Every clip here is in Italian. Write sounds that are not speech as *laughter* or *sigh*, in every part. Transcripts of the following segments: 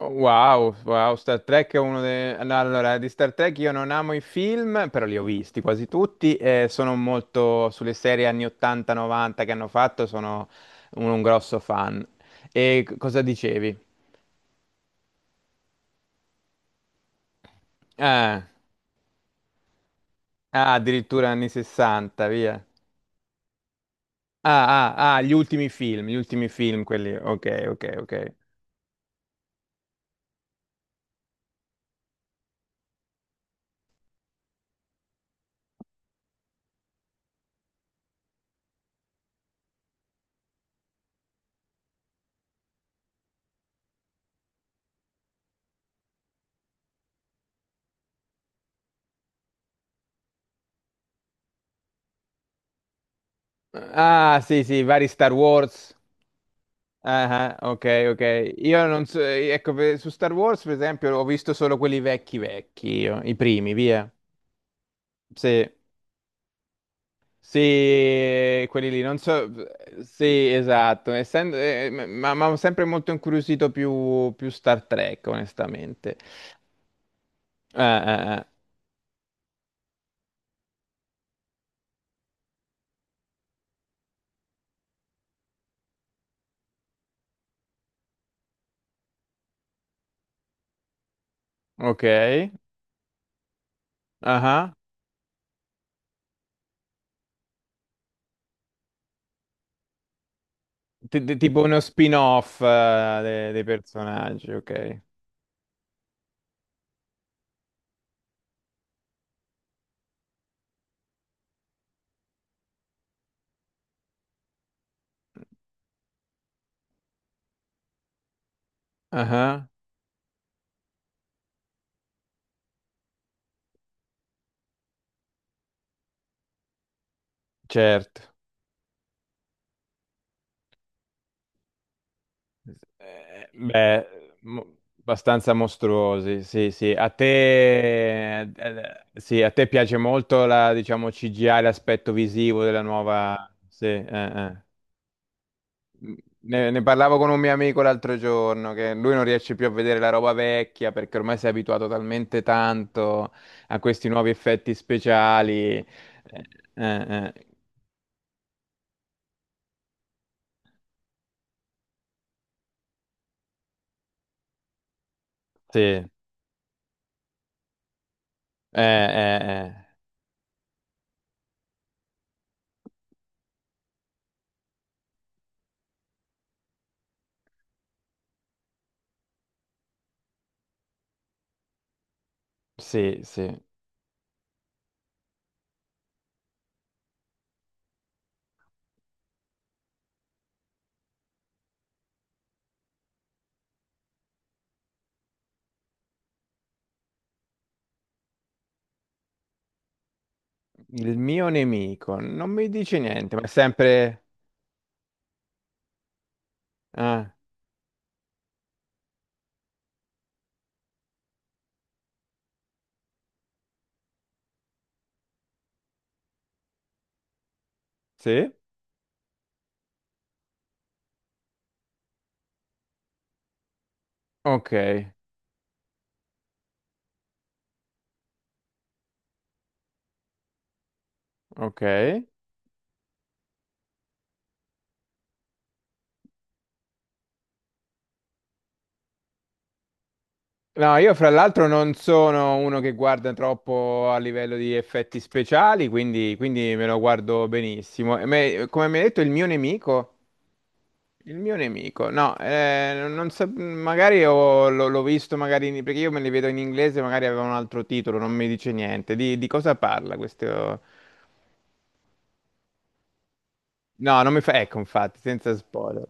Wow, wow, Star Trek è uno dei... No, allora, di Star Trek io non amo i film, però li ho visti quasi tutti e sono molto sulle serie anni 80-90 che hanno fatto, sono un grosso fan. E cosa dicevi? Ah, ah, addirittura anni 60, via. Ah, ah, ah, gli ultimi film, quelli... Ok, ok, ok. Ah, sì, sì, vari Star Wars. Ah, ah, ok, ok. Io non so, ecco, su Star Wars, per esempio, ho visto solo quelli vecchi vecchi, io, i primi, via. Sì, sì, quelli lì, non so, sì, esatto, essendo, ma ho sempre molto incuriosito più Star Trek, onestamente. Eh. Ok, ah, ah. Tipo uno spin-off, dei personaggi, ok. Ah, ah. Certo. Beh, abbastanza mostruosi, sì, sì. A te, sì, a te piace molto la, diciamo, CGI, l'aspetto visivo della nuova... Sì, eh. Ne parlavo con un mio amico l'altro giorno, che lui non riesce più a vedere la roba vecchia perché ormai si è abituato talmente tanto a questi nuovi effetti speciali. Eh. Sì, eh, eh. Sì, sì. Il mio nemico non mi dice niente, ma è sempre... Ah, sì? Ok, ok. No, io fra l'altro non sono uno che guarda troppo a livello di effetti speciali, quindi, quindi me lo guardo benissimo. E come mi hai detto, il mio nemico... Il mio nemico, no, non so, magari l'ho visto, magari perché io me li vedo in inglese, magari aveva un altro titolo, non mi dice niente. Di cosa parla questo? No, non mi fa, ecco, infatti, senza spoiler.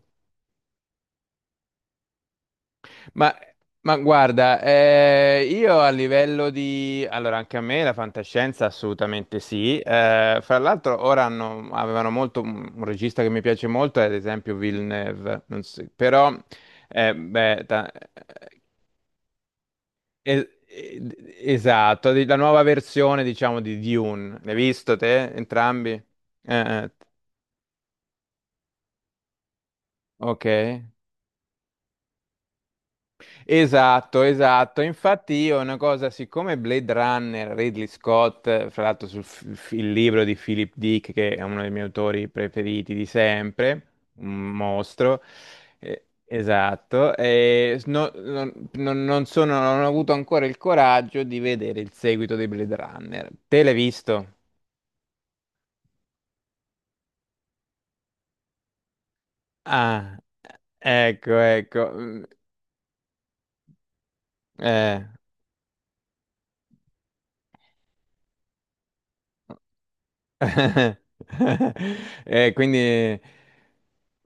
Ma, ma guarda, io a livello di... Allora, anche a me la fantascienza assolutamente sì. Fra l'altro ora avevano molto... Un regista che mi piace molto è ad esempio Villeneuve, non so- però... eh, beh, ta- esatto, la nuova versione diciamo di Dune. L'hai visto te? Entrambi? Eh, eh, ok. Esatto, esatto. Infatti io una cosa, siccome Blade Runner, Ridley Scott, fra l'altro il libro di Philip Dick, che è uno dei miei autori preferiti di sempre, un mostro, esatto, non sono, non ho avuto ancora il coraggio di vedere il seguito di Blade Runner. Te l'hai visto? Ah, ecco, ecco. Mm. Eh. *laughs* Quindi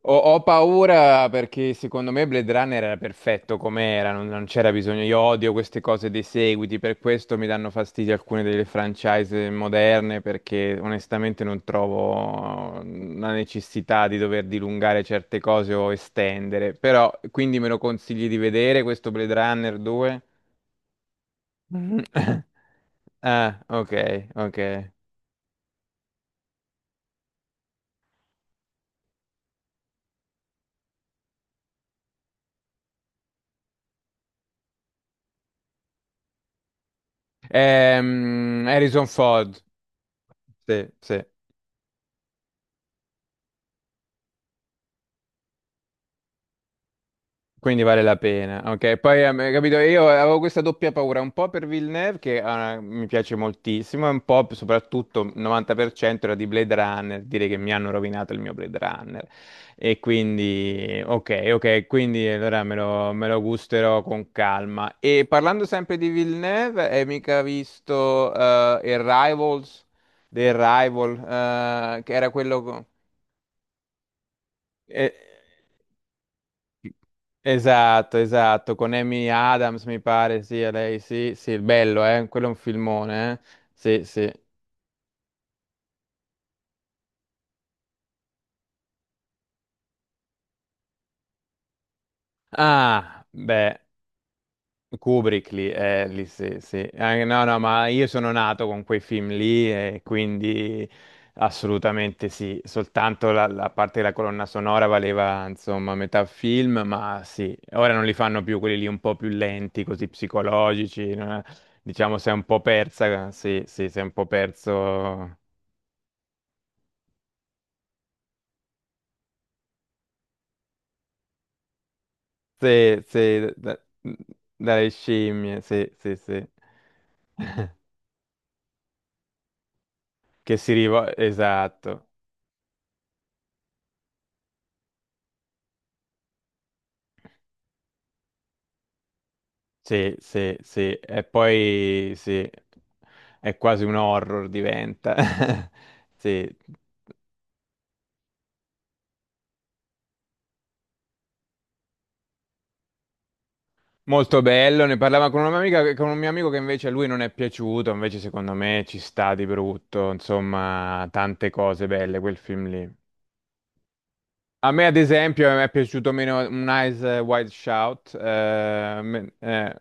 ho paura perché secondo me Blade Runner era perfetto come era, non c'era bisogno. Io odio queste cose dei seguiti, per questo mi danno fastidio alcune delle franchise moderne perché onestamente non trovo la necessità di dover dilungare certe cose o estendere. Però quindi me lo consigli di vedere questo Blade Runner 2? Mhm. *laughs* Ah, ok, ok. Harrison Ford, sì, sì, quindi vale la pena. Ok, poi capito, io avevo questa doppia paura, un po' per Villeneuve che mi piace moltissimo, e un po' soprattutto il 90% era di Blade Runner, dire che mi hanno rovinato il mio Blade Runner. E quindi, ok, ok, quindi allora me lo gusterò con calma. E parlando sempre di Villeneuve, hai mica visto Arrivals, The Arrival, che era quello... eh, Esatto, esatto, con Amy Adams mi pare, sì, è lei, sì, sì, il bello, quello è un filmone, sì, sì. Ah, beh, Kubrick lì, lì sì, sì. No, no, ma io sono nato con quei film lì e quindi assolutamente sì, soltanto la parte della colonna sonora valeva, insomma, metà film, ma sì, ora non li fanno più quelli lì un po' più lenti, così psicologici, no? Diciamo, sei un po' persa, sì, sì, sei un po' perso. Sì, sì, dalle scimmie, sì, sì, sì. *laughs* Che si rivolge, esatto, sì, sì, sì. E poi, sì, è quasi un horror diventa. *laughs* Sì, molto bello, ne parlava con una mia amica, con un mio amico che invece a lui non è piaciuto, invece secondo me ci sta di brutto, insomma, tante cose belle quel film lì. A me, ad esempio, mi è piaciuto meno un Eyes Wide Shout,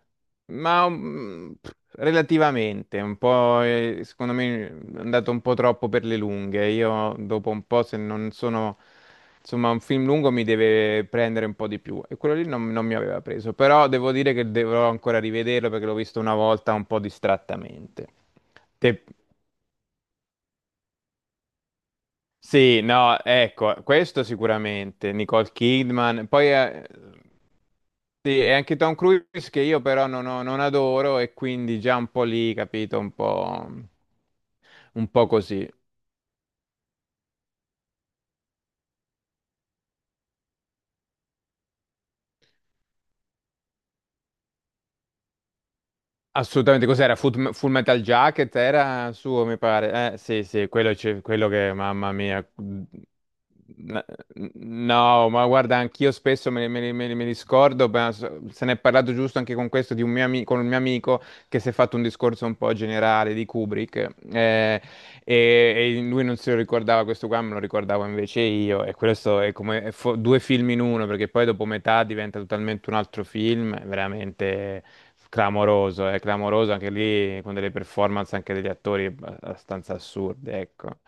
ma relativamente, un po', secondo me è andato un po' troppo per le lunghe. Io dopo un po', se non sono, insomma, un film lungo mi deve prendere un po' di più. E quello lì non mi aveva preso, però devo dire che dovrò ancora rivederlo perché l'ho visto una volta un po' distrattamente. Te- Sì, no, ecco, questo sicuramente, Nicole Kidman. Poi sì, e anche Tom Cruise che io però non adoro e quindi già un po' lì, capito, un po' così. Assolutamente, cos'era? Full Metal Jacket era suo, mi pare. Sì, sì, quello, quello che, mamma mia. N- No, ma guarda, anch'io spesso me li scordo, ma se ne è parlato giusto anche con questo di con un mio amico che si è fatto un discorso un po' generale di Kubrick e lui non se lo ricordava questo qua, me lo ricordavo invece io e questo è come è due film in uno perché poi dopo metà diventa totalmente un altro film, è veramente clamoroso, è clamoroso anche lì con delle performance anche degli attori abbastanza assurde, ecco.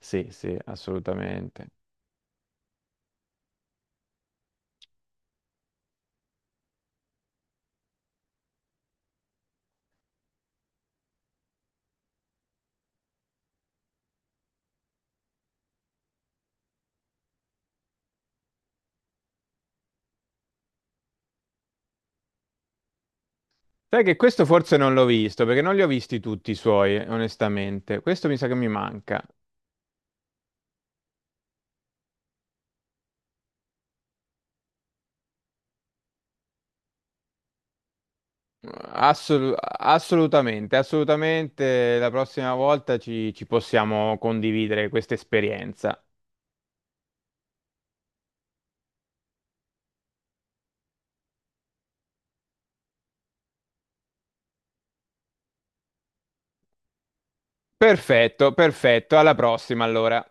Sì, sì, assolutamente. Sai che questo forse non l'ho visto, perché non li ho visti tutti i suoi, onestamente. Questo mi sa che mi manca. Assolutamente, assolutamente. La prossima volta ci possiamo condividere questa esperienza. Perfetto, perfetto. Alla prossima, allora.